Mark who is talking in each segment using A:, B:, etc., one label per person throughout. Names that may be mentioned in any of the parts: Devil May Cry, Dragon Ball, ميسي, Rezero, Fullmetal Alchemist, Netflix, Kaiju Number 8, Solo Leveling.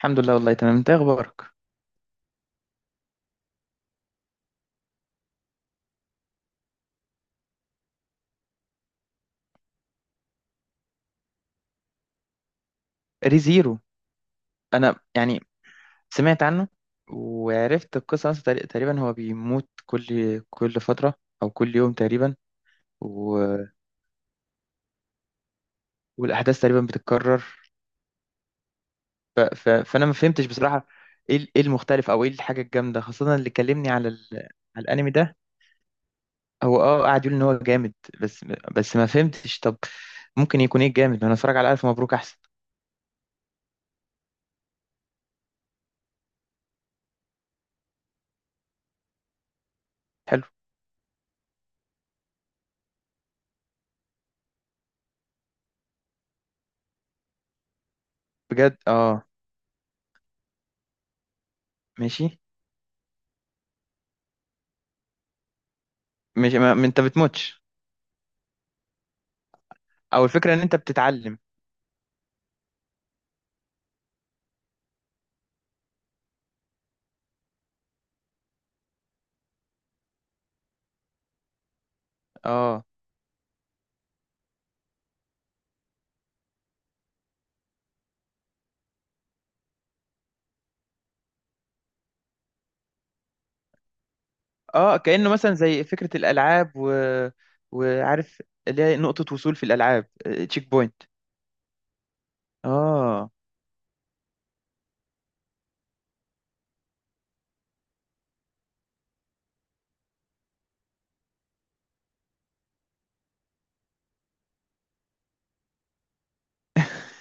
A: الحمد لله والله تمام. انت ايه اخبارك؟ ريزيرو. انا سمعت عنه وعرفت القصه اصلا تقريبا هو بيموت كل فتره، او كل يوم تقريبا. و... والاحداث تقريبا بتتكرر. ف... ف... فانا ما فهمتش بصراحه ايه المختلف، او ايه الحاجه الجامده خاصه اللي كلمني على الانمي ده. هو قاعد يقول ان هو جامد، بس ما فهمتش. طب ممكن يكون ايه الجامد؟ ما انا اتفرج على الف مبروك احسن. حلو. بجد اه. ماشي. ماشي. ما انت بتموتش، او الفكره ان انت بتتعلم. اه. اه، كأنه مثلا زي فكرة الألعاب وعارف، اللي هي نقطة وصول في الألعاب، تشيك بوينت. اه.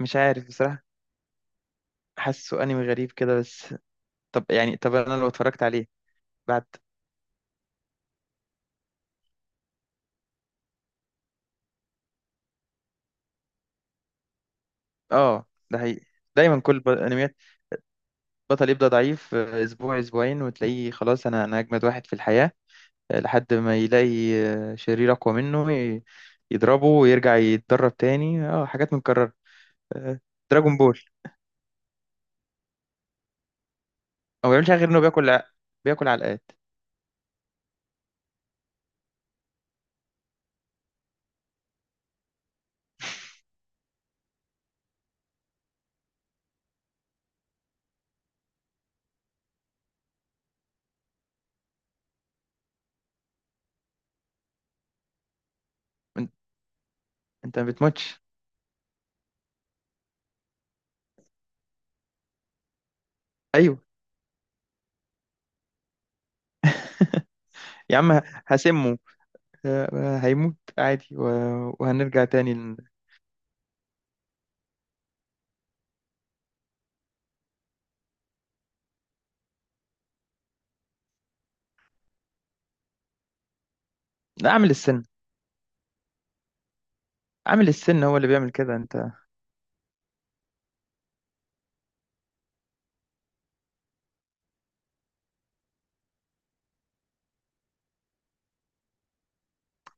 A: مش عارف بصراحة. حاسه انمي غريب كده بس. طب انا لو اتفرجت عليه بعد. اه ده حقيقي، دايما انميات، بطل يبدأ ضعيف، اسبوع اسبوعين وتلاقيه خلاص انا اجمد واحد في الحياة، لحد ما يلاقي شرير اقوى منه، يضربه ويرجع يتدرب تاني. اه حاجات متكررة. دراجون بول. هو ما بيعملش حاجة غير انه بياكل علقات. انت انت ما بتموتش. ايوه. يا عم هسمه، هيموت عادي وهنرجع تاني لا، اعمل السن. عامل السن هو اللي بيعمل كده. انت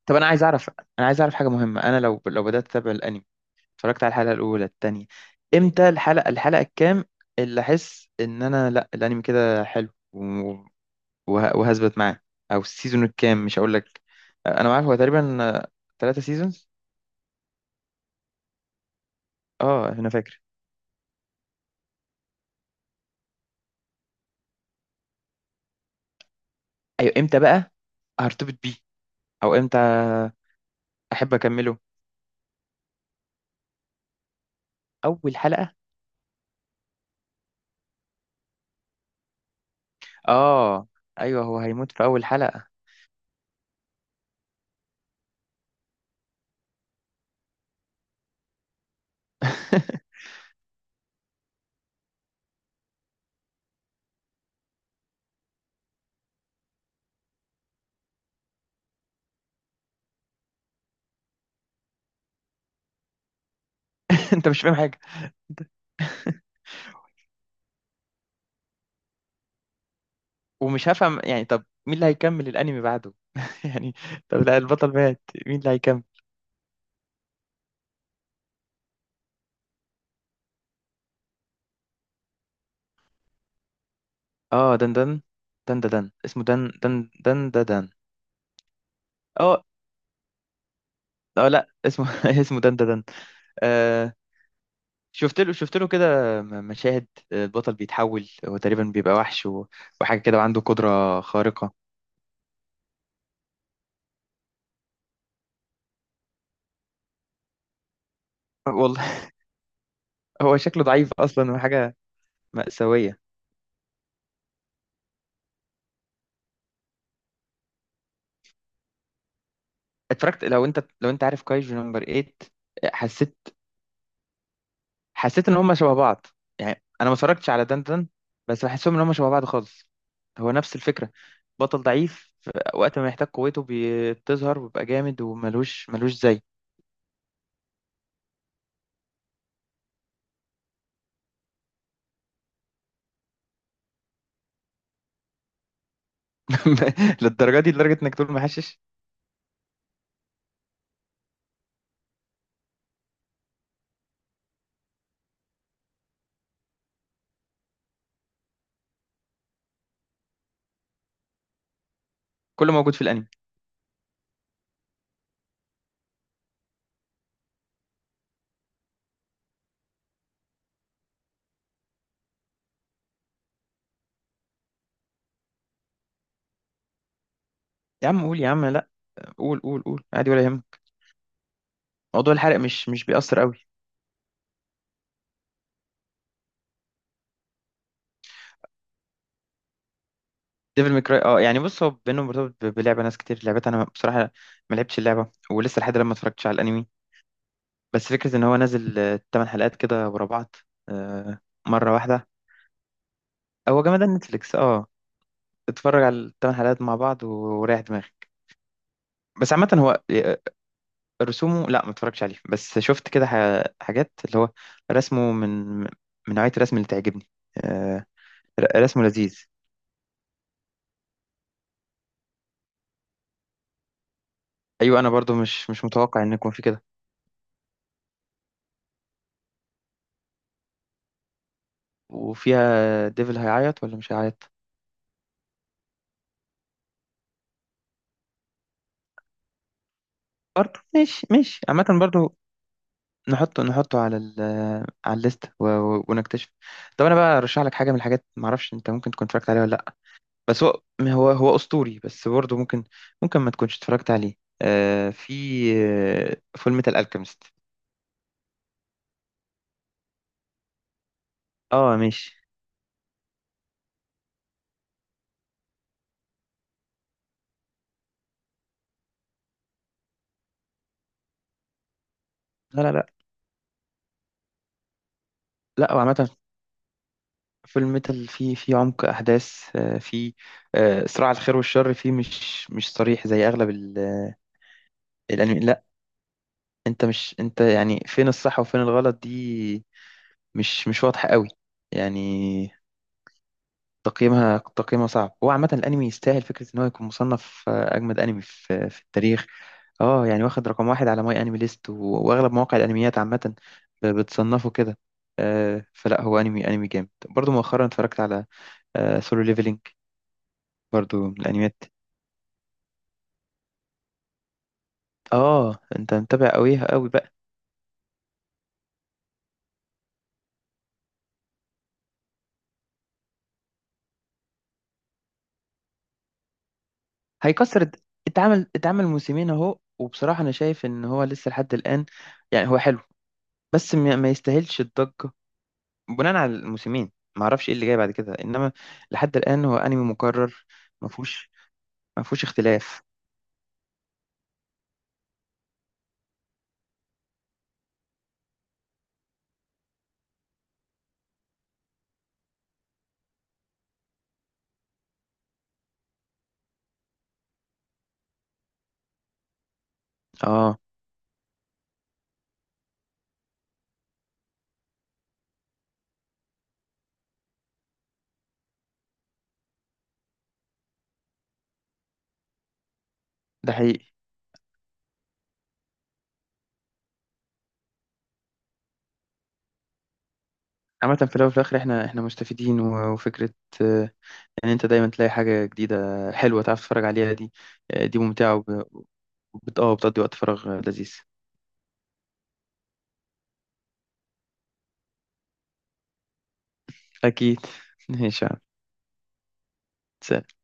A: طب انا عايز اعرف، انا عايز اعرف حاجة مهمة. انا لو بدأت اتابع الانمي، اتفرجت على الحلقة الاولى التانية، امتى الحلقة الكام اللي احس ان انا لا، الانمي كده حلو وهثبت معاه؟ او السيزون الكام؟ مش هقول لك، انا عارف هو تقريبا 3 سيزونز. اه انا فاكر. ايوه امتى بقى هرتبط بيه؟ او امتى احب اكمله؟ اول حلقة. اه ايوه هو هيموت في اول حلقة. انت مش فاهم حاجة. ومش هفهم يعني. طب مين اللي هيكمل الانمي بعده يعني؟ طب لا، البطل مات، مين اللي هيكمل؟ اه دن دن اسمه دن دن. دن اه. اه لا اسمه، اسمه دن دن دن. آه. شفت له كده، مشاهد، آه، البطل بيتحول، هو تقريبا بيبقى وحش وحاجة كده، وعنده قدرة خارقة. والله هو شكله ضعيف اصلا، وحاجه مأساوية. اتفرجت، لو انت عارف كايجو نمبر 8؟ حسيت، حسيت ان هم شبه بعض. يعني انا ما اتفرجتش على دندن، بس بحسهم ان هم شبه بعض خالص. هو نفس الفكرة، بطل ضعيف، وقت ما يحتاج قوته بتظهر، ويبقى جامد، وملوش زي. للدرجة دي؟ لدرجة انك تقول محشش؟ كله موجود في الانمي. يا عم قول، يا عم لا، قول قول عادي، ولا يهمك، موضوع الحرق مش بيأثر. ديفل ميكراي اه. يعني بص، هو بينهم مرتبط بلعبه ناس كتير لعبتها، انا بصراحه ما لعبتش اللعبه، ولسه لحد الآن ما اتفرجتش على الانمي. بس فكره ان هو نازل آه، 8 حلقات كده ورا بعض، آه، مره واحده. هو جمدان نتفليكس اه. اتفرج على الـ8 حلقات مع بعض وريح دماغك. بس عامه هو آه، رسومه، لا ما اتفرجتش عليه، بس شفت كده حاجات. اللي هو رسمه من نوعيه الرسم اللي تعجبني آه، رسمه لذيذ. ايوه انا برضو مش متوقع ان يكون في كده. وفيها ديفل هيعيط ولا مش هيعيط؟ برضه ماشي، ماشي عامة برضه، نحطه على ال، على الليست ونكتشف. طب انا بقى ارشح لك حاجة من الحاجات، معرفش انت ممكن تكون اتفرجت عليها ولا لا، بس هو اسطوري، بس برضه ممكن، ممكن ما تكونش اتفرجت عليه. آه في، آه فول ميتال الكيمست. اه ماشي. لا لا، وعامة فيلم ميتال، فيه عمق أحداث، آه، فيه آه، صراع الخير والشر، فيه مش صريح زي أغلب آه، الأنمي، لا. أنت مش أنت يعني فين الصح وفين الغلط دي مش واضحة قوي يعني. تقييمها صعب. هو عامة الأنمي يستاهل فكرة إن هو يكون مصنف آه، أجمد أنمي في التاريخ. اه يعني واخد رقم واحد على ماي أنمي ليست، وأغلب مواقع الأنميات عامة بتصنفه كده آه، فلا هو أنمي، أنمي جامد. برضو مؤخرا اتفرجت على سولو ليفلينج، برضو من الأنميات. اه أنت متابع قوي قوي بقى. هيكسر الد- اتعمل، اتعمل موسمين أهو، وبصراحة أنا شايف إن هو لسه لحد الآن، يعني هو حلو، بس ما يستاهلش الضجة بناء على الموسمين. ما اعرفش ايه اللي جاي بعد كده، انما لحد الان هو انمي مكرر، ما فيهوش، ما فيهوش اختلاف. اه ده حقيقي. عامة في الاول وفي الاخر، احنا مستفيدين، وفكرة آه، ان انت دايما تلاقي حاجة جديدة حلوة تعرف تتفرج عليها دي آه، دي ممتعة وب- وبت اه بتقضي وقت فراغ آه، لذيذ. اكيد. ماشي يا عم. سلام.